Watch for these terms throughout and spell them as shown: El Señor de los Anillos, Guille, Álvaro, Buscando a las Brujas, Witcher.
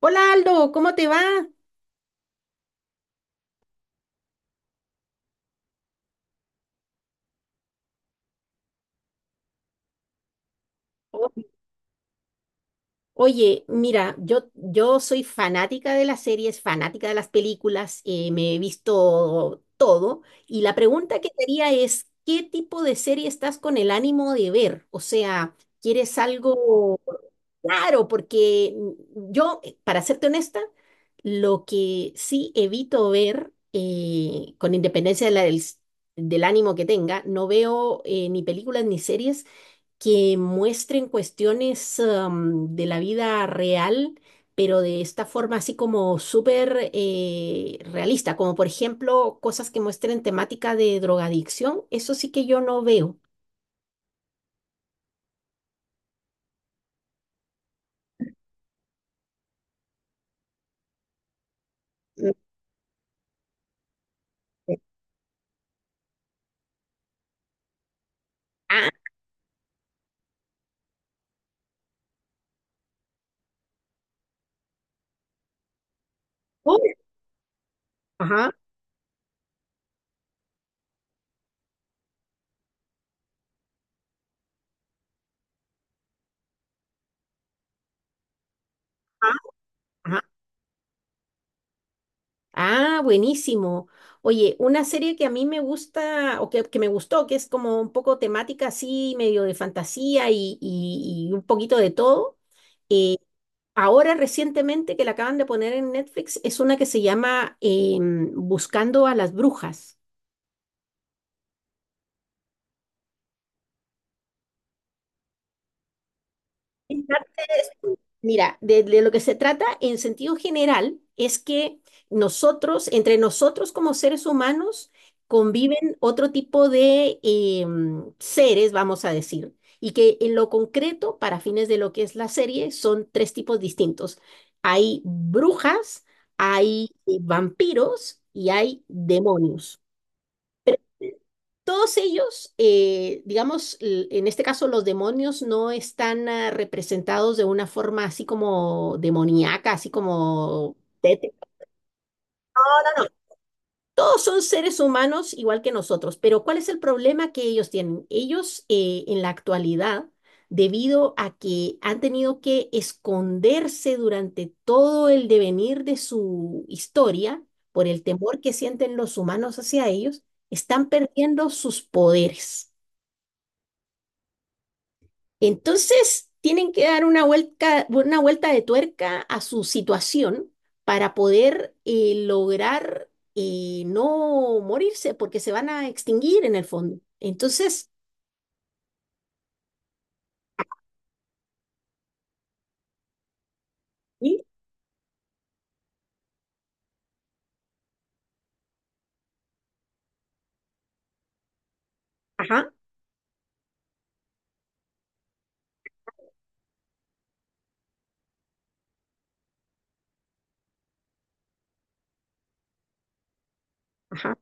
Hola Aldo, ¿cómo te va? O- Oye, mira, yo soy fanática de las series, fanática de las películas, me he visto todo y la pregunta que te haría es, ¿qué tipo de serie estás con el ánimo de ver? O sea, ¿quieres algo claro? Porque yo, para serte honesta, lo que sí evito ver, con independencia del ánimo que tenga, no veo ni películas ni series que muestren cuestiones de la vida real, pero de esta forma así como súper realista, como por ejemplo cosas que muestren temática de drogadicción, eso sí que yo no veo. No. Ah, oh, ajá, ajá, ajá. Ah, buenísimo. Oye, una serie que a mí me gusta o que me gustó, que es como un poco temática así, medio de fantasía y un poquito de todo, eh, ahora recientemente que la acaban de poner en Netflix es una que se llama Buscando a las Brujas. En parte. Mira, de lo que se trata en sentido general es que nosotros, entre nosotros como seres humanos, conviven otro tipo de seres, vamos a decir, y que en lo concreto, para fines de lo que es la serie, son tres tipos distintos. Hay brujas, hay vampiros y hay demonios. Todos ellos, digamos, en este caso los demonios no están representados de una forma así como demoníaca, así como tétrica. No, no, no. Todos son seres humanos igual que nosotros, pero ¿cuál es el problema que ellos tienen? Ellos en la actualidad, debido a que han tenido que esconderse durante todo el devenir de su historia por el temor que sienten los humanos hacia ellos, están perdiendo sus poderes. Entonces, tienen que dar una vuelta de tuerca a su situación para poder lograr no morirse, porque se van a extinguir en el fondo. Entonces, ¿sí? Ajá, ajá.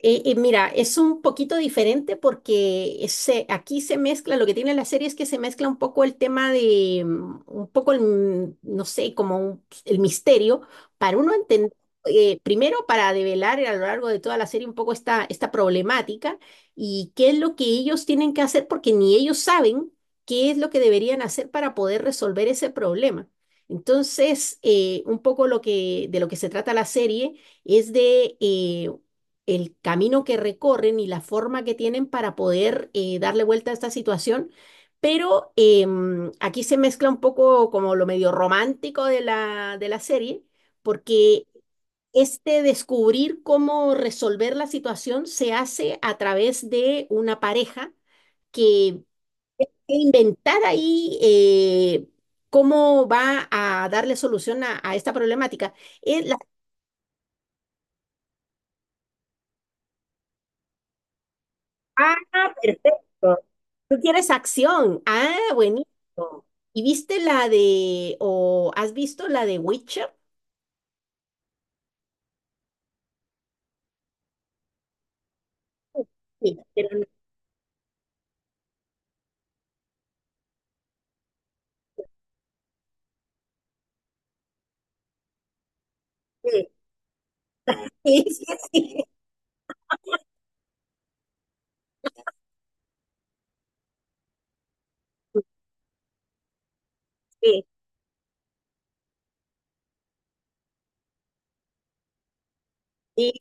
Mira, es un poquito diferente porque aquí se mezcla, lo que tiene la serie es que se mezcla un poco el tema de, un poco el, no sé, como el misterio, para uno entender, primero para develar a lo largo de toda la serie un poco esta problemática y qué es lo que ellos tienen que hacer porque ni ellos saben qué es lo que deberían hacer para poder resolver ese problema. Entonces, un poco lo que, de lo que se trata la serie es de el camino que recorren y la forma que tienen para poder darle vuelta a esta situación. Pero aquí se mezcla un poco como lo medio romántico de la serie, porque este descubrir cómo resolver la situación se hace a través de una pareja que que inventar ahí cómo va a darle solución a esta problemática. Es la. Ah, perfecto. Tú quieres acción. Ah, buenísimo. ¿Y viste la de, o has visto la de Witcher? Sí, pero sí, sí, sí, sí. Sí, sí.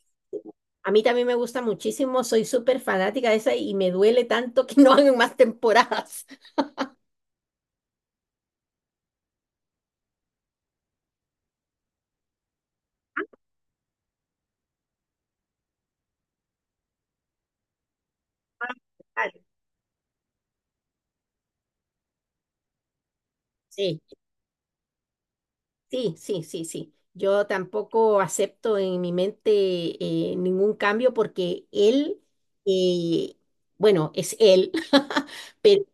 A mí también me gusta muchísimo, soy súper fanática de esa y me duele tanto que no hagan más temporadas. Ah, vale. Sí, sí, sí, sí, sí. Yo tampoco acepto en mi mente ningún cambio porque él, eh, bueno, es él, pero.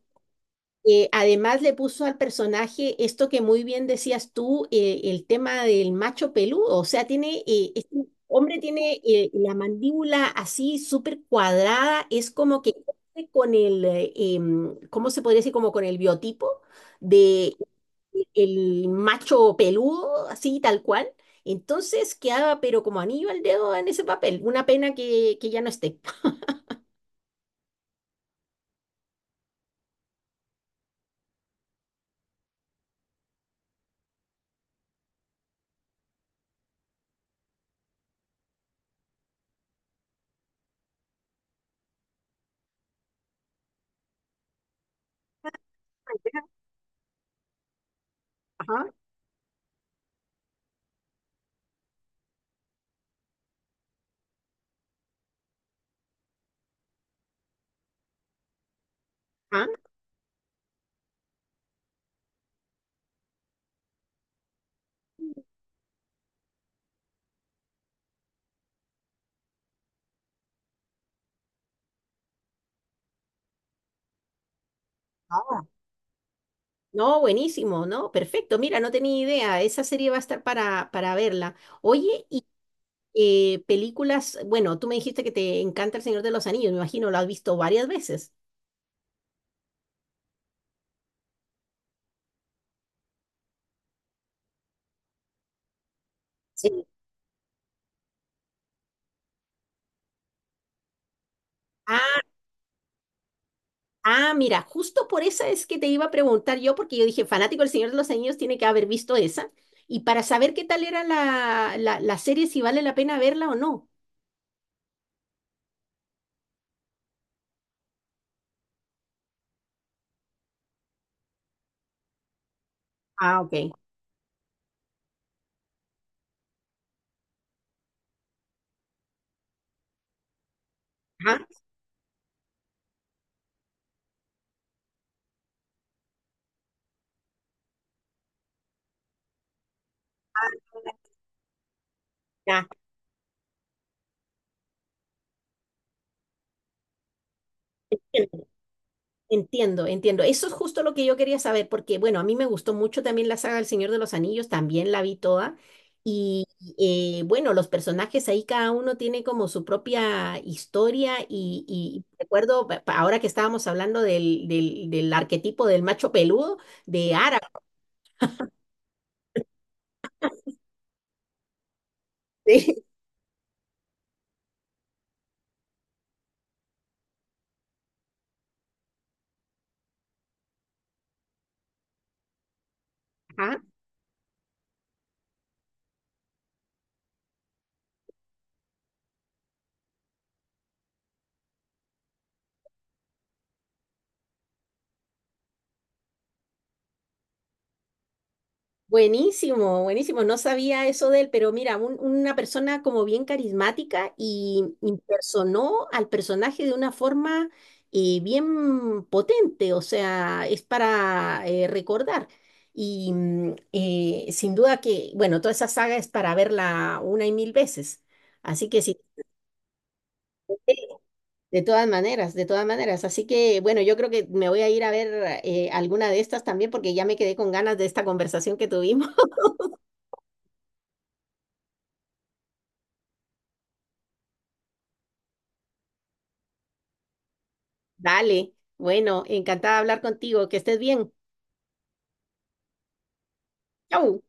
Además le puso al personaje esto que muy bien decías tú, el tema del macho peludo, o sea, tiene, este hombre tiene la mandíbula así súper cuadrada, es como que cumple con el, ¿cómo se podría decir? Como con el biotipo de el macho peludo, así tal cual. Entonces quedaba pero como anillo al dedo en ese papel. Una pena que ya no esté. Ajá, ajá. No, buenísimo, ¿no? Perfecto. Mira, no tenía idea. Esa serie va a estar para verla. Oye, y películas, bueno, tú me dijiste que te encanta El Señor de los Anillos, me imagino, lo has visto varias veces. Sí. Ah, ah, mira, justo por esa es que te iba a preguntar yo, porque yo dije, fanático del Señor de los Anillos tiene que haber visto esa, y para saber qué tal era la serie, si vale la pena verla o no. Ah, ok. Ajá, ah, ya. Entiendo, entiendo. Eso es justo lo que yo quería saber, porque bueno, a mí me gustó mucho también la saga del Señor de los Anillos, también la vi toda. Y bueno, los personajes ahí cada uno tiene como su propia historia y recuerdo, ahora que estábamos hablando del arquetipo del macho peludo, de Ara, buenísimo, buenísimo. No sabía eso de él, pero mira, una persona como bien carismática y impersonó al personaje de una forma bien potente, o sea, es para recordar. Y sin duda que, bueno, toda esa saga es para verla una y mil veces. Así que sí, de todas maneras, de todas maneras. Así que, bueno, yo creo que me voy a ir a ver alguna de estas también porque ya me quedé con ganas de esta conversación que tuvimos. Dale. Bueno, encantada de hablar contigo. Que estés bien. Chau.